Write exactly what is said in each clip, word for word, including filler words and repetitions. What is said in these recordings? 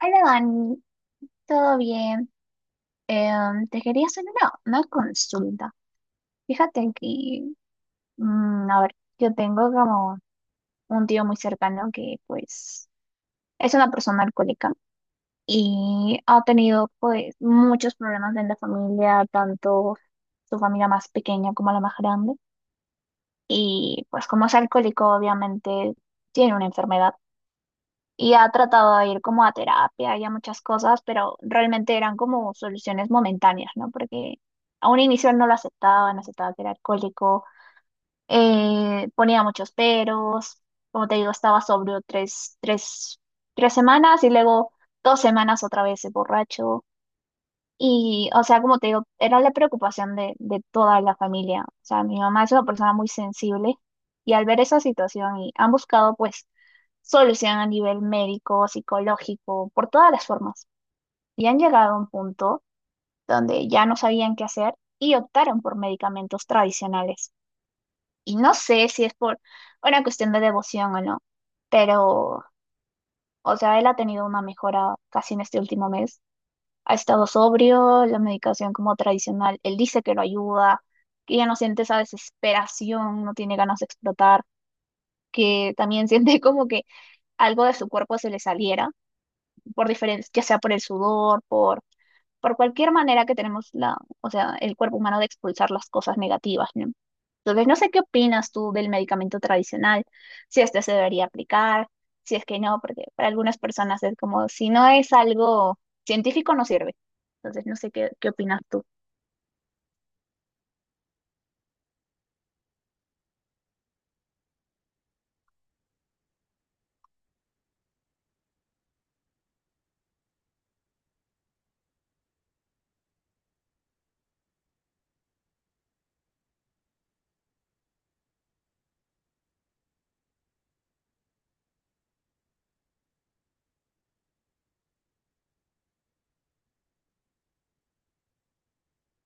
Hola Dani, ¿todo bien? Em, te quería hacer una, una consulta. Fíjate que, mm, a ver, yo tengo como un tío muy cercano que pues es una persona alcohólica y ha tenido pues muchos problemas en la familia, tanto su familia más pequeña como la más grande. Y pues como es alcohólico, obviamente tiene una enfermedad. Y ha tratado de ir como a terapia y a muchas cosas, pero realmente eran como soluciones momentáneas, ¿no? Porque a un inicio él no lo aceptaba, no aceptaba que era alcohólico, eh, ponía muchos peros, como te digo, estaba sobrio tres, tres, tres semanas y luego dos semanas otra vez borracho. Y, o sea, como te digo, era la preocupación de, de toda la familia. O sea, mi mamá es una persona muy sensible y al ver esa situación y han buscado pues solución a nivel médico, psicológico, por todas las formas. Y han llegado a un punto donde ya no sabían qué hacer y optaron por medicamentos tradicionales. Y no sé si es por una cuestión de devoción o no, pero, o sea, él ha tenido una mejora casi en este último mes ha estado sobrio, la medicación como tradicional, él dice que lo ayuda, que ya no siente esa desesperación, no tiene ganas de explotar, que también siente como que algo de su cuerpo se le saliera, por diferentes, ya sea por el sudor, por por cualquier manera que tenemos la, o sea, el cuerpo humano de expulsar las cosas negativas, ¿no? Entonces, no sé qué opinas tú del medicamento tradicional, si este se debería aplicar, si es que no, porque para algunas personas es como, si no es algo científico, no sirve. Entonces, no sé qué, qué opinas tú.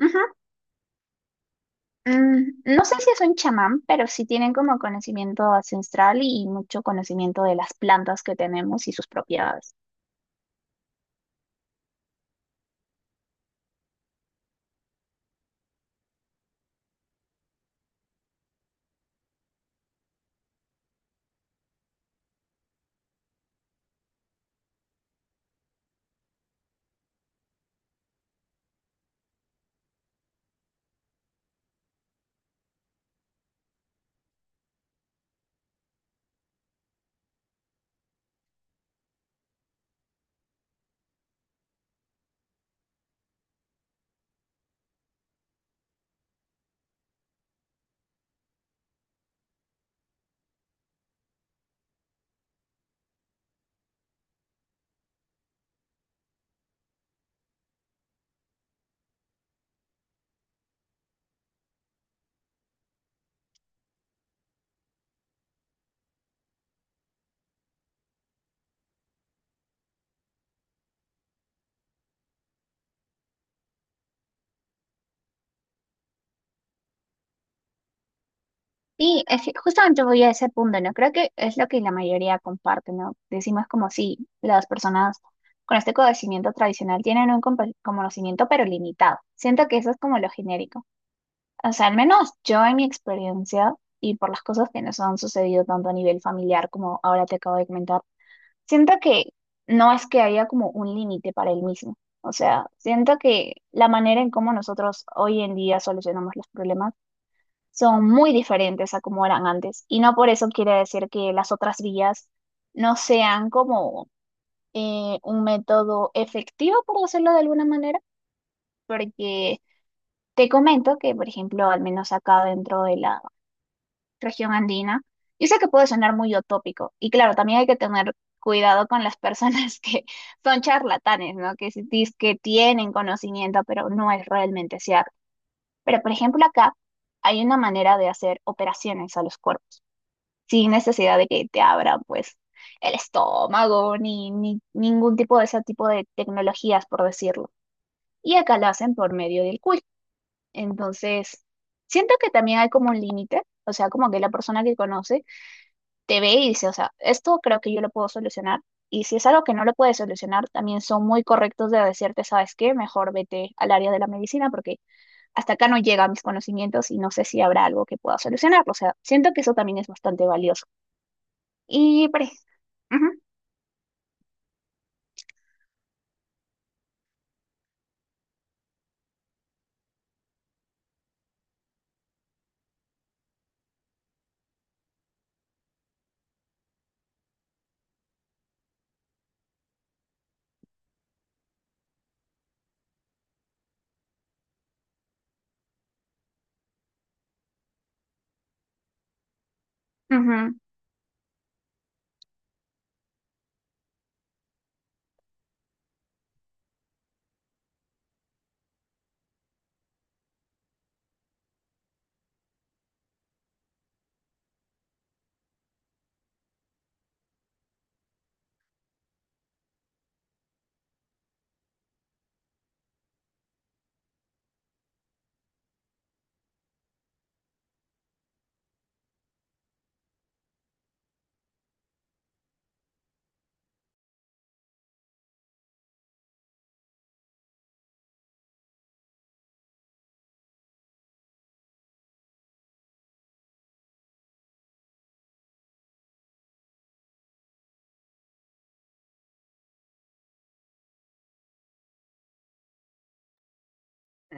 Ujú. Mm, no sé si es un chamán, pero sí tienen como conocimiento ancestral y mucho conocimiento de las plantas que tenemos y sus propiedades. Sí, es que justamente voy a ese punto, ¿no? Creo que es lo que la mayoría comparte, ¿no? Decimos como si las personas con este conocimiento tradicional tienen un compa- conocimiento pero limitado. Siento que eso es como lo genérico. O sea, al menos yo en mi experiencia y por las cosas que nos han sucedido tanto a nivel familiar como ahora te acabo de comentar, siento que no es que haya como un límite para el mismo. O sea, siento que la manera en cómo nosotros hoy en día solucionamos los problemas son muy diferentes a como eran antes. Y no por eso quiere decir que las otras vías no sean como eh, un método efectivo, por decirlo de alguna manera, porque te comento que, por ejemplo, al menos acá dentro de la región andina, yo sé que puede sonar muy utópico, y claro, también hay que tener cuidado con las personas que son charlatanes, ¿no? Que dicen que tienen conocimiento, pero no es realmente cierto. Pero, por ejemplo, acá hay una manera de hacer operaciones a los cuerpos, sin necesidad de que te abran pues el estómago ni, ni ningún tipo de ese tipo de tecnologías, por decirlo. Y acá lo hacen por medio del quiz. Entonces, siento que también hay como un límite, o sea, como que la persona que conoce te ve y dice, o sea, esto creo que yo lo puedo solucionar. Y si es algo que no lo puedes solucionar, también son muy correctos de decirte, ¿sabes qué? Mejor vete al área de la medicina porque hasta acá no llegan mis conocimientos y no sé si habrá algo que pueda solucionarlo. O sea, siento que eso también es bastante valioso. Y pare- ujú, ujú.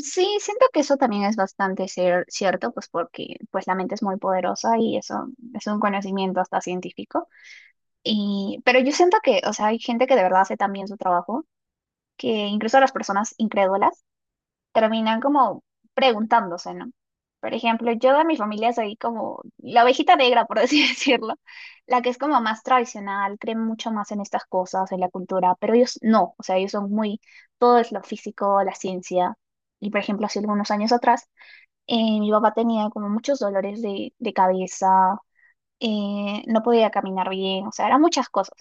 Sí, siento que eso también es bastante cier- cierto, pues porque pues la mente es muy poderosa y eso es un conocimiento hasta científico. Y, pero yo siento que, o sea, hay gente que de verdad hace tan bien su trabajo que incluso las personas incrédulas terminan como preguntándose, ¿no? Por ejemplo, yo de mi familia soy como la ovejita negra, por así decirlo, la que es como más tradicional, cree mucho más en estas cosas, en la cultura, pero ellos no, o sea, ellos son muy, todo es lo físico, la ciencia. Y por ejemplo, hace algunos años atrás, eh, mi papá tenía como muchos dolores de, de cabeza, eh, no podía caminar bien, o sea, eran muchas cosas.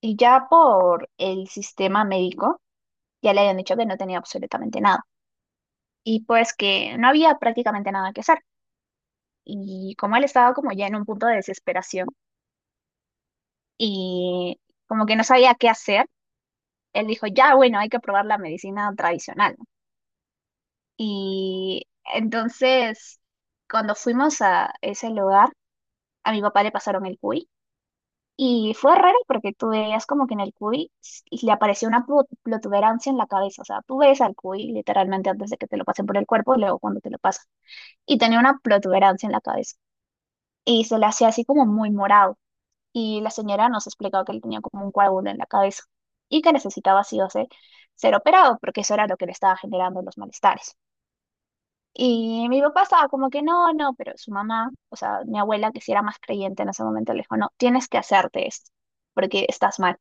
Y ya por el sistema médico, ya le habían dicho que no tenía absolutamente nada y pues que no había prácticamente nada que hacer. Y como él estaba como ya en un punto de desesperación y como que no sabía qué hacer, él dijo, ya bueno, hay que probar la medicina tradicional, ¿no? Y entonces, cuando fuimos a ese lugar, a mi papá le pasaron el cuy. Y fue raro porque tú veías como que en el cuy s- le apareció una plu- protuberancia en la cabeza. O sea, tú ves al cuy literalmente antes de que te lo pasen por el cuerpo y luego cuando te lo pasan. Y tenía una protuberancia en la cabeza y se le hacía así como muy morado. Y la señora nos explicó que él tenía como un coágulo en la cabeza y que necesitaba sí o sí ser operado porque eso era lo que le estaba generando los malestares. Y mi papá estaba como que no, no, pero su mamá, o sea, mi abuela que sí era más creyente en ese momento, le dijo, no, tienes que hacerte esto porque estás mal.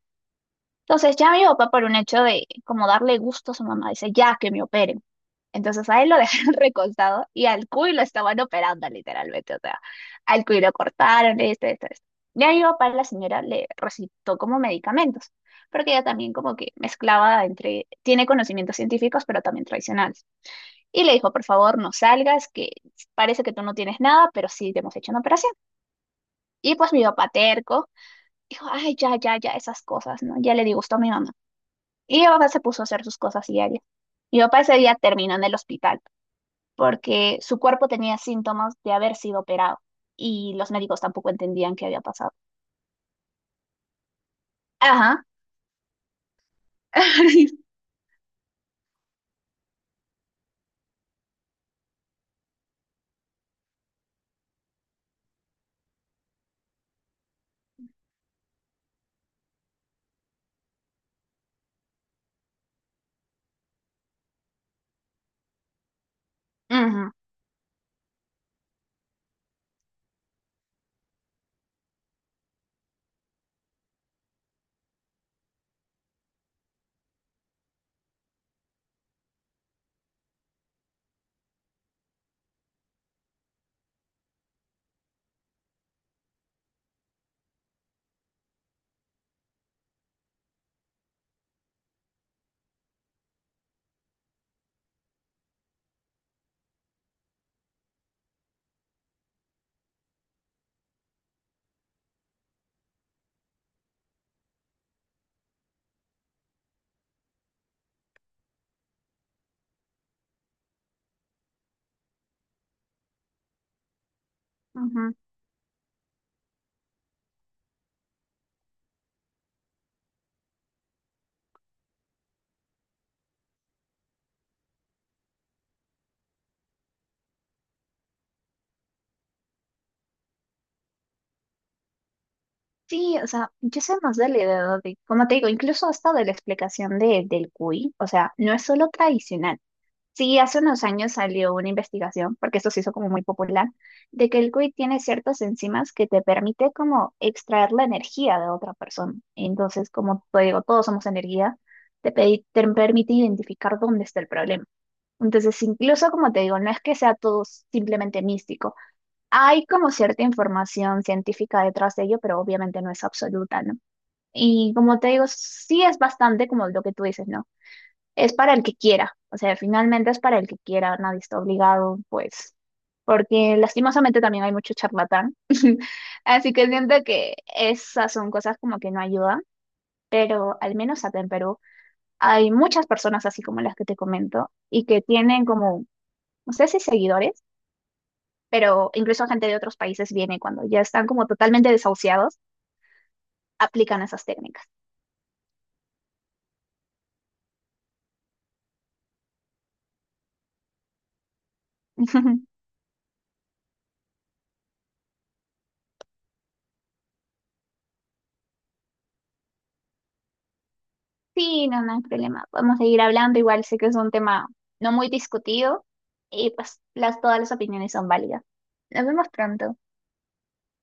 Entonces ya mi papá por un hecho de como darle gusto a su mamá dice ya que me operen. Entonces a él lo dejaron recostado y al cuy lo estaban operando literalmente. O sea, al cuy lo cortaron, esto, esto, esto. Ya mi papá, la señora le recitó como medicamentos, porque ella también como que mezclaba entre, tiene conocimientos científicos, pero también tradicionales. Y le dijo, por favor, no salgas, que parece que tú no tienes nada, pero sí te hemos hecho una operación. Y pues mi papá terco dijo, ay, ya, ya, ya, esas cosas, ¿no? Ya le disgustó a mi mamá. Y mi papá se puso a hacer sus cosas diarias. Mi papá ese día terminó en el hospital porque su cuerpo tenía síntomas de haber sido operado y los médicos tampoco entendían qué había pasado. Ajá. Ujú, ujú. Sí, o sea, yo sé más de la edad de, como te digo, incluso hasta de la explicación de, del cuy, o sea, no es solo tradicional. Sí, hace unos años salió una investigación, porque esto se hizo como muy popular, de que el cuy tiene ciertas enzimas que te permite como extraer la energía de otra persona. Entonces, como te digo, todos somos energía, te, pedi- te permite identificar dónde está el problema. Entonces, incluso como te digo, no es que sea todo simplemente místico. Hay como cierta información científica detrás de ello, pero obviamente no es absoluta, ¿no? Y como te digo, sí es bastante como lo que tú dices, ¿no? Es para el que quiera, o sea, finalmente es para el que quiera, nadie está obligado, pues, porque lastimosamente también hay mucho charlatán, así que siento que esas son cosas como que no ayudan, pero al menos acá en Perú hay muchas personas así como las que te comento y que tienen como, no sé si seguidores, pero incluso gente de otros países viene cuando ya están como totalmente desahuciados, aplican esas técnicas. Sí, no, no hay problema. Podemos seguir hablando. Igual sé que es un tema no muy discutido y pues las, todas las opiniones son válidas. Nos vemos pronto.